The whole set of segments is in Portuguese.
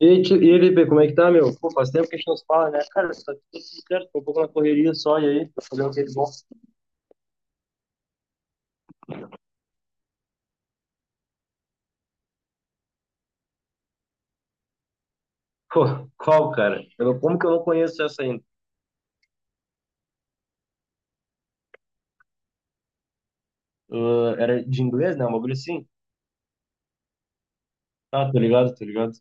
E aí, Lipe, como é que tá, meu? Pô, faz tempo que a gente não se fala, né? Cara, tá tudo certo, tô um pouco na correria só, e aí? Tá fazendo o que de bom? Pô, qual, cara? Eu, não- Como que eu não conheço essa ainda? Ah, era de inglês, né? Um bagulho assim? Ah, tô ligado, tô ligado.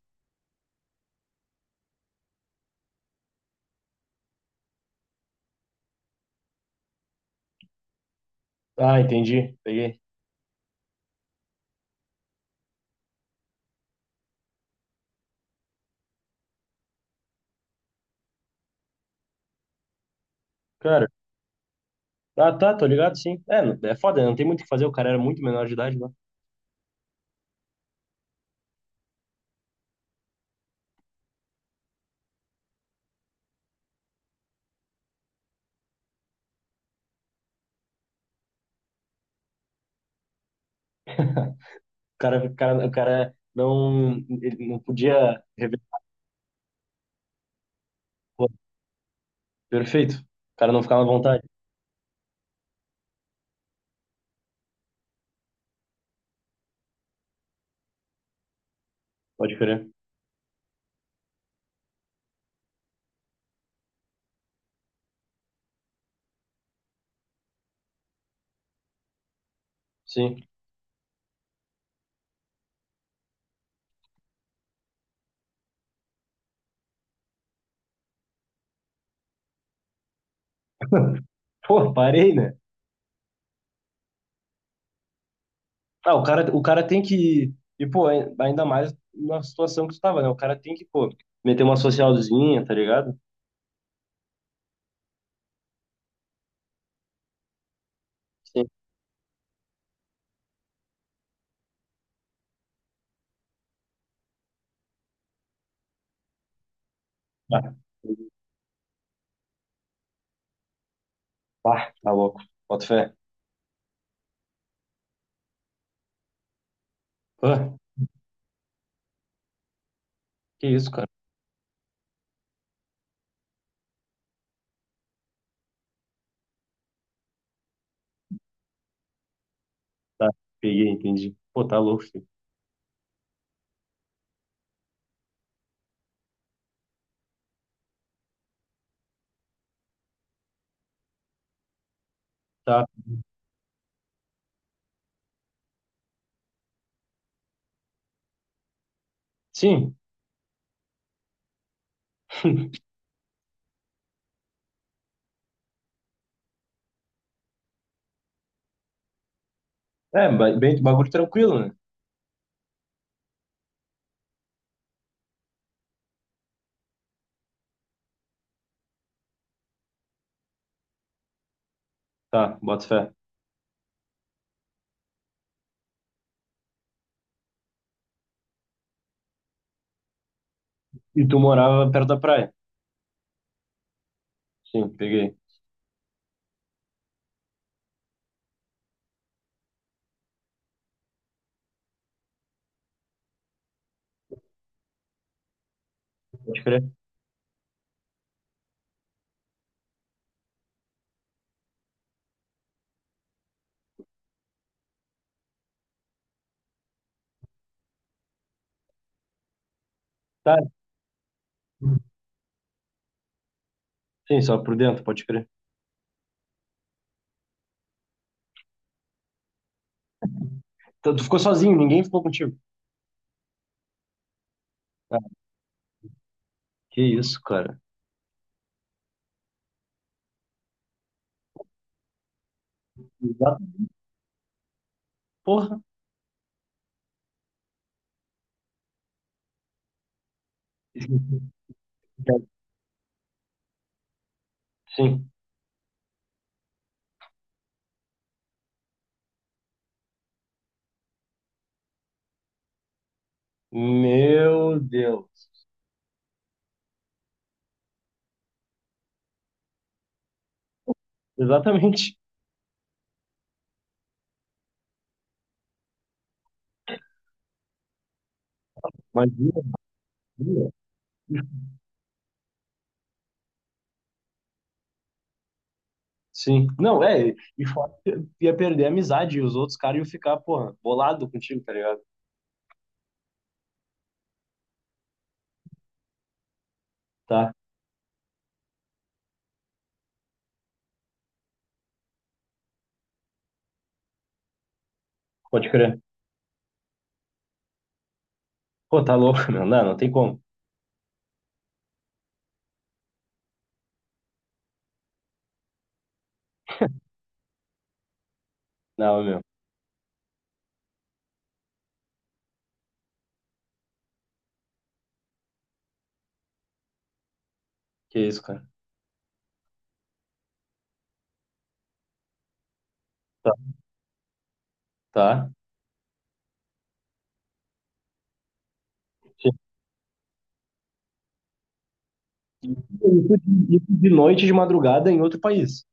Ah, entendi, peguei. Cara, ah, tá, tô ligado, sim. É foda, né? Não tem muito o que fazer, o cara era muito menor de idade, né? O cara não, ele não podia revelar. Pô, perfeito. O cara não ficava à vontade, pode crer. Sim. Pô, parei, né? Ah, o cara tem que. E, pô, ainda mais na situação que tu tava, né? O cara tem que, pô, meter uma socialzinha, tá ligado? Sim. Ah, pá, tá louco. Bota fé. Ah, que isso, cara. Tá, peguei, entendi. Pô, tá louco, filho. Tá. Sim. É, bem, bagulho tranquilo, né? Tá, bota fé. E tu morava perto da praia? Sim, peguei. Pode crer. Tá. Sim, só por dentro, pode crer. Então, tu ficou sozinho, ninguém ficou contigo. Ah, que isso, cara. Exato. Porra. Sim. Meu Deus. Exatamente. Imagina. Imagina. Sim. Não, é. E fora que ia perder a amizade e os outros caras iam ficar, porra, bolado contigo, tá ligado? Tá, pode crer. Pô, tá louco, meu. Não, não tem como. Não, meu. Que isso, cara. Tá. Tá. Isso isso de noite, de madrugada, em outro país.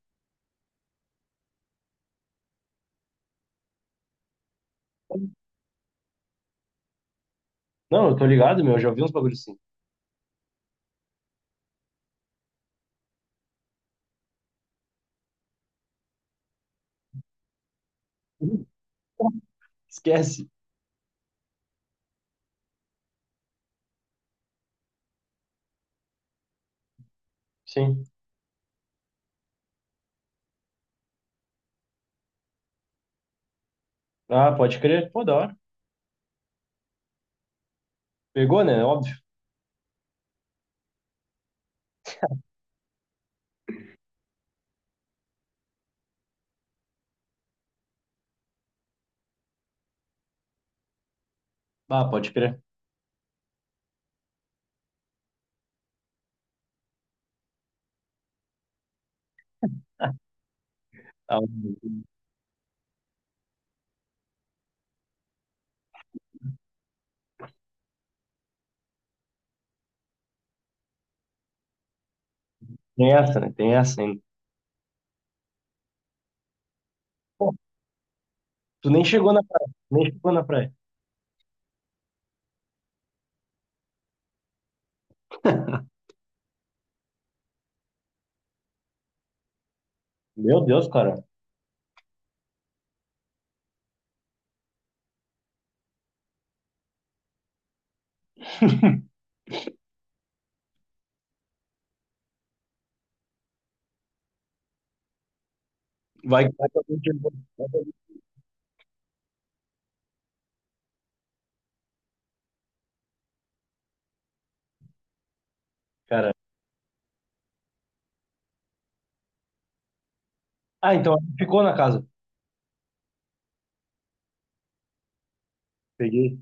Não, eu tô ligado, meu. Eu já vi uns bagulhos assim. Esquece. Sim. Ah, pode crer. Pô, da hora. Pegou, né? Óbvio. Ah, pode crer. Ah, tem essa, né? Tem essa ainda. Tu nem chegou na praia. Nem chegou na praia. Meu Deus, cara. Vai, vai que alguém chegou. Vai que alguém- Cara. Ah, então ficou na casa. Peguei.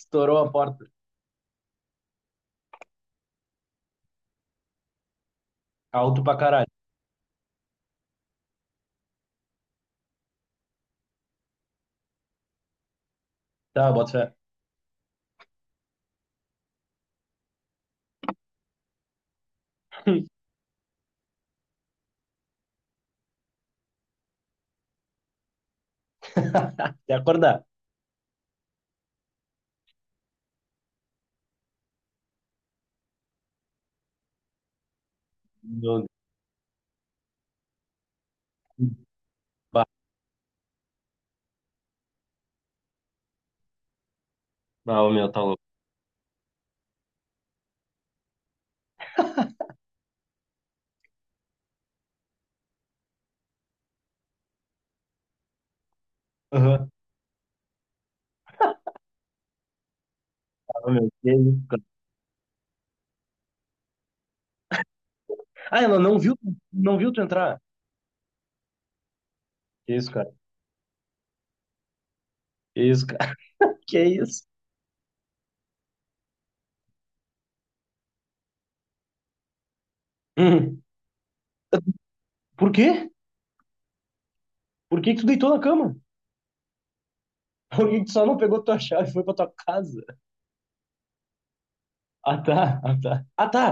Estourou a porta. Alto pra caralho. Tá, bota fé. Até acordar. Meu Deus. Bah, ah, o meu, tá louco. Aham. Ah, ô, meu, que isso, cara. Ah, ela não viu, não viu tu entrar. Que isso, cara. Que isso, cara. Que isso? Hum. Por quê? Por que que tu deitou na cama? Por que que tu só não pegou tua chave e foi pra tua casa? Ah, tá. Ah, tá. Ah, tá.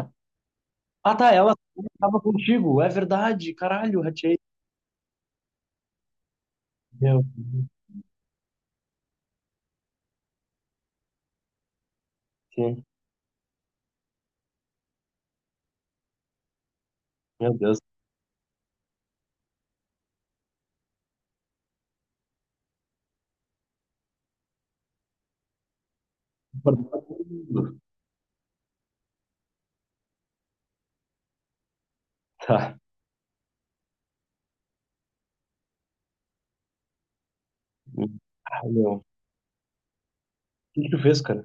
Ah, tá, ela estava contigo. É verdade, caralho, ratei. Meu, sim, meu Deus. Tá. Ah, meu. O que que tu fez, cara?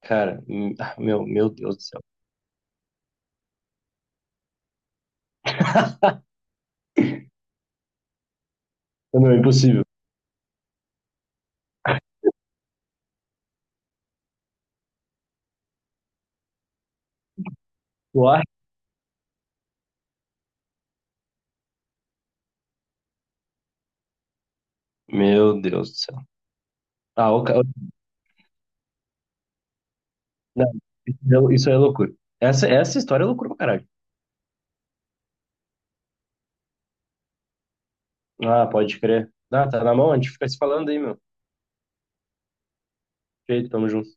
Cara, ah, meu Deus do céu. Meu, é impossível. Tu acha? Meu Deus do céu. Ah, o ca- Não, isso é loucura. Essa história é loucura pra caralho. Ah, pode crer. Ah, tá na mão, a gente fica se falando aí, meu. Feito, tamo junto.